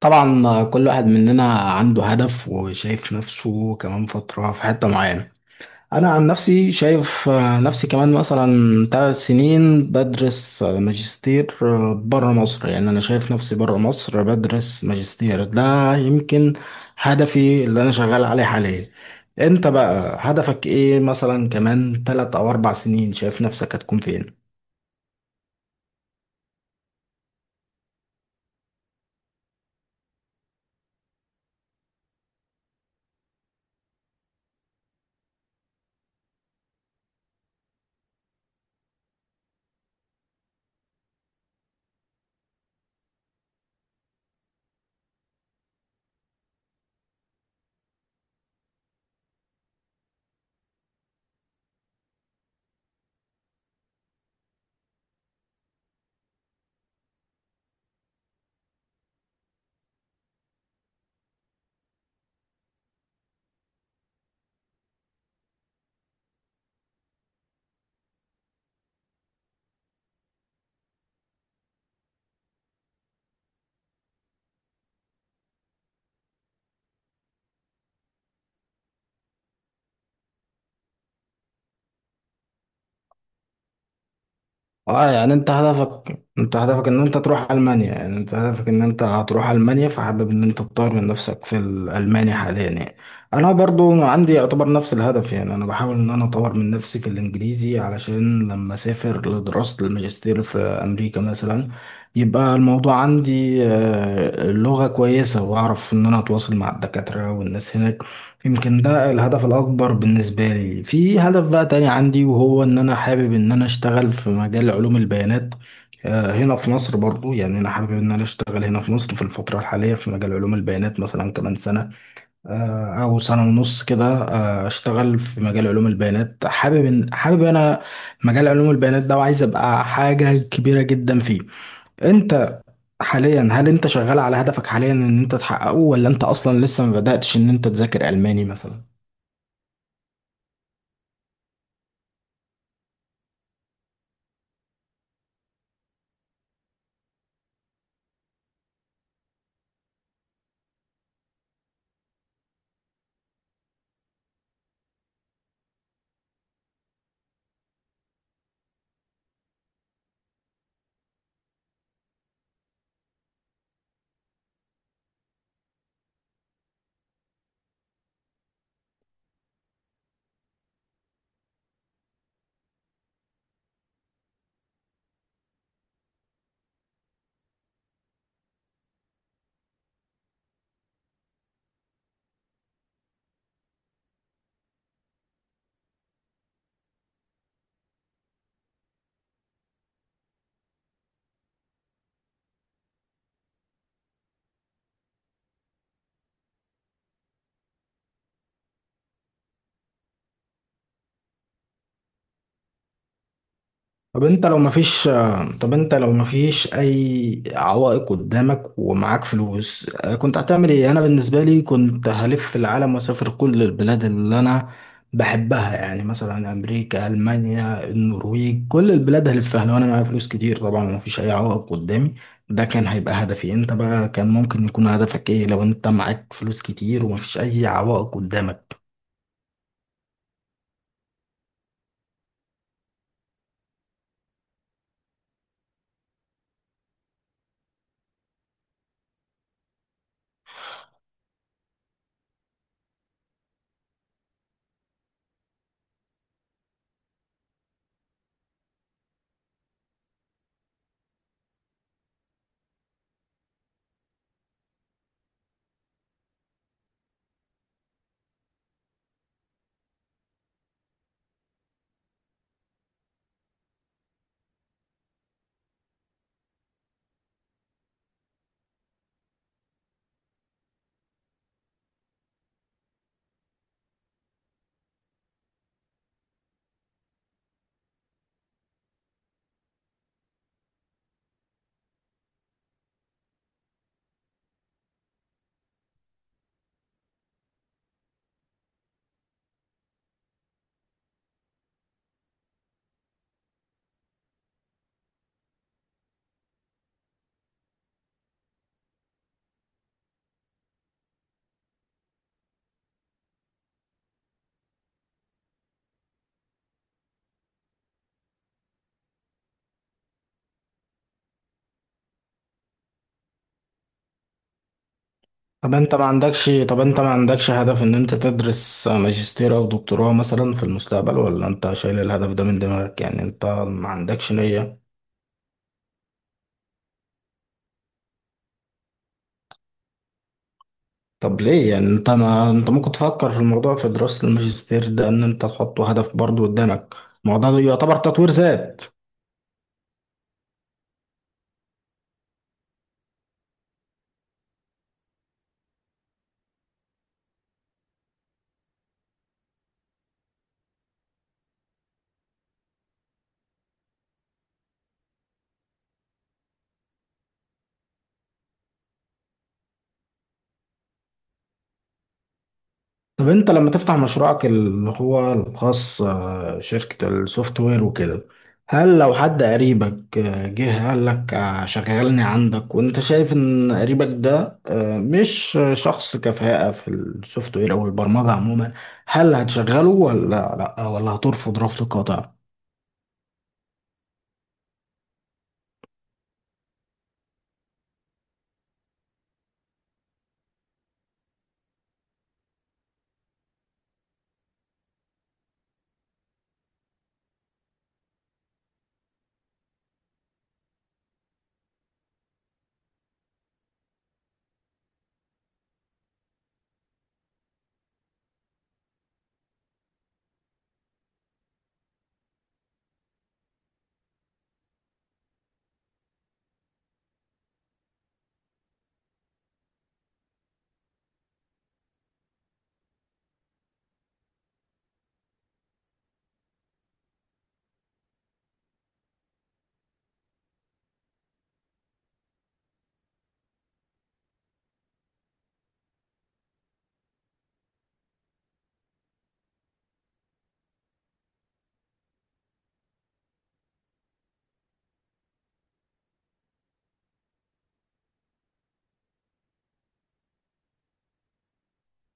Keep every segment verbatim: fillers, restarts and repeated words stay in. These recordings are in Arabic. طبعا كل واحد مننا عنده هدف وشايف نفسه كمان فترة في حتة معينة. أنا عن نفسي شايف آه، نفسي كمان مثلا تلات سنين بدرس آه، ماجستير بره مصر. يعني أنا شايف نفسي بره مصر بدرس ماجستير، ده يمكن هدفي اللي أنا شغال عليه حاليا. أنت بقى هدفك إيه؟ مثلا كمان تلات أو أربع سنين شايف نفسك هتكون فين؟ اه، يعني انت هدفك انت هدفك ان انت تروح المانيا، يعني انت هدفك ان انت هتروح المانيا، فحابب ان انت تطور من نفسك في الالماني حاليا يعني. انا برضو عندي يعتبر نفس الهدف، يعني انا بحاول ان انا اطور من نفسي في الانجليزي علشان لما اسافر لدراسة الماجستير في امريكا مثلا، يبقى الموضوع عندي آه، اللغة كويسة واعرف ان انا اتواصل مع الدكاترة والناس هناك. يمكن ده الهدف الأكبر بالنسبة لي. في هدف بقى تاني عندي، وهو إن أنا حابب إن أنا أشتغل في مجال علوم البيانات آه، هنا في مصر برضو. يعني أنا حابب إن أنا أشتغل هنا في مصر في الفترة الحالية في مجال علوم البيانات، مثلا كمان سنة آه، أو سنة ونص كده آه، أشتغل في مجال علوم البيانات. حابب إن حابب أنا مجال علوم البيانات ده، وعايز أبقى حاجة كبيرة جدا فيه. أنت حاليا هل أنت شغال على هدفك حاليا إن أنت تحققه، ولا أنت أصلا لسه ما بدأتش إن أنت تذاكر ألماني مثلا؟ طب انت لو مفيش طب انت لو مفيش اي عوائق قدامك ومعاك فلوس اه، كنت هتعمل ايه؟ انا بالنسبه لي كنت هلف العالم واسافر كل البلاد اللي انا بحبها، يعني مثلا امريكا، المانيا، النرويج، كل البلاد هلفها لو انا معايا فلوس كتير طبعا ومفيش اي عوائق قدامي. ده كان هيبقى هدفي. انت بقى كان ممكن يكون هدفك ايه لو انت معاك فلوس كتير ومفيش اي عوائق قدامك؟ طب انت ما عندكش طب انت ما عندكش هدف ان انت تدرس ماجستير او دكتوراه مثلا في المستقبل، ولا انت شايل الهدف ده من دماغك؟ يعني انت ما عندكش نية؟ طب ليه؟ يعني انت ما انت ممكن تفكر في الموضوع، في دراسة الماجستير ده، ان انت تحطه هدف برضو قدامك. ما هو ده يعتبر تطوير ذات. طب انت لما تفتح مشروعك اللي هو الخاص آه، شركة السوفت وير وكده، هل لو حد قريبك آه، جه قال لك آه، شغلني عندك، وانت شايف ان قريبك ده آه، مش شخص كفاءة في السوفت وير او البرمجة عموما، هل هتشغله ولا لا، ولا هترفض رفض قاطع؟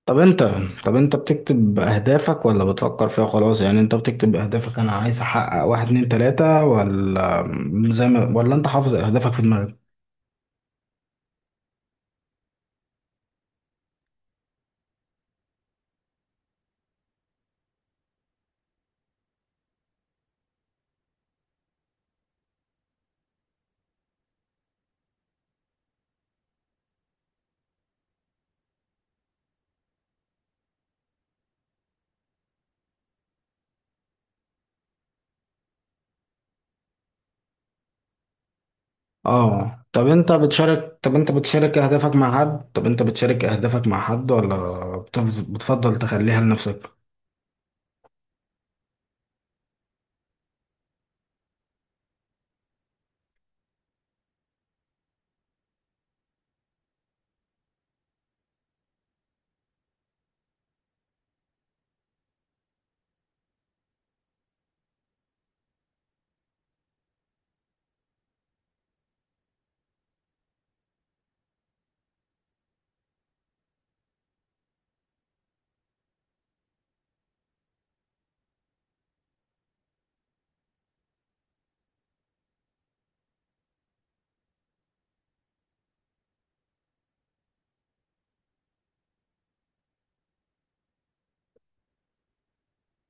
طب انت طب انت بتكتب اهدافك ولا بتفكر فيها خلاص؟ يعني انت بتكتب اهدافك انا عايز احقق واحد اتنين تلاتة، ولا زي ما ولا انت حافظ اهدافك في دماغك؟ اه. طب انت بتشارك طب انت بتشارك اهدافك مع حد طب انت بتشارك اهدافك مع حد، ولا بتف- بتفضل تخليها لنفسك؟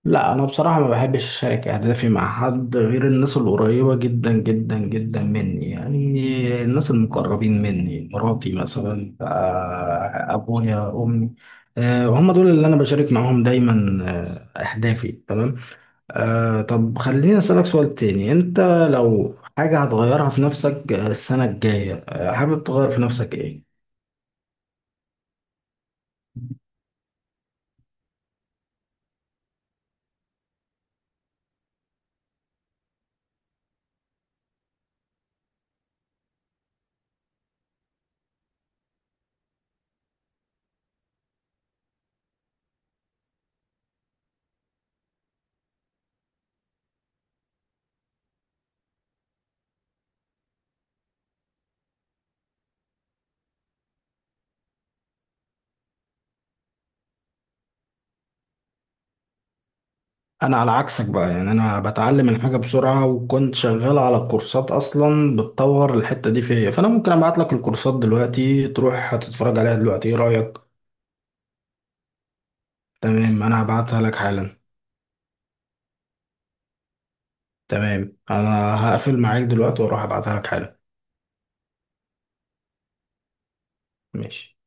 لا، انا بصراحة ما بحبش اشارك اهدافي مع حد غير الناس القريبة جدا جدا جدا مني، يعني الناس المقربين مني، مراتي مثلا آه، ابويا، امي آه، هم دول اللي انا بشارك معاهم دايما آه، اهدافي. تمام. آه، طب خليني أسألك سؤال تاني. أنت لو حاجة هتغيرها في نفسك آه، السنة الجاية آه، حابب تغير في نفسك إيه؟ أنا على عكسك بقى، يعني أنا بتعلم الحاجة بسرعة، وكنت شغال على كورسات أصلا بتطور الحتة دي فيا، فأنا ممكن أبعت لك الكورسات دلوقتي تروح هتتفرج عليها دلوقتي، إيه رأيك؟ تمام، أنا هبعتها لك حالا. تمام، أنا هقفل معاك دلوقتي وأروح أبعتها لك حالا. ماشي.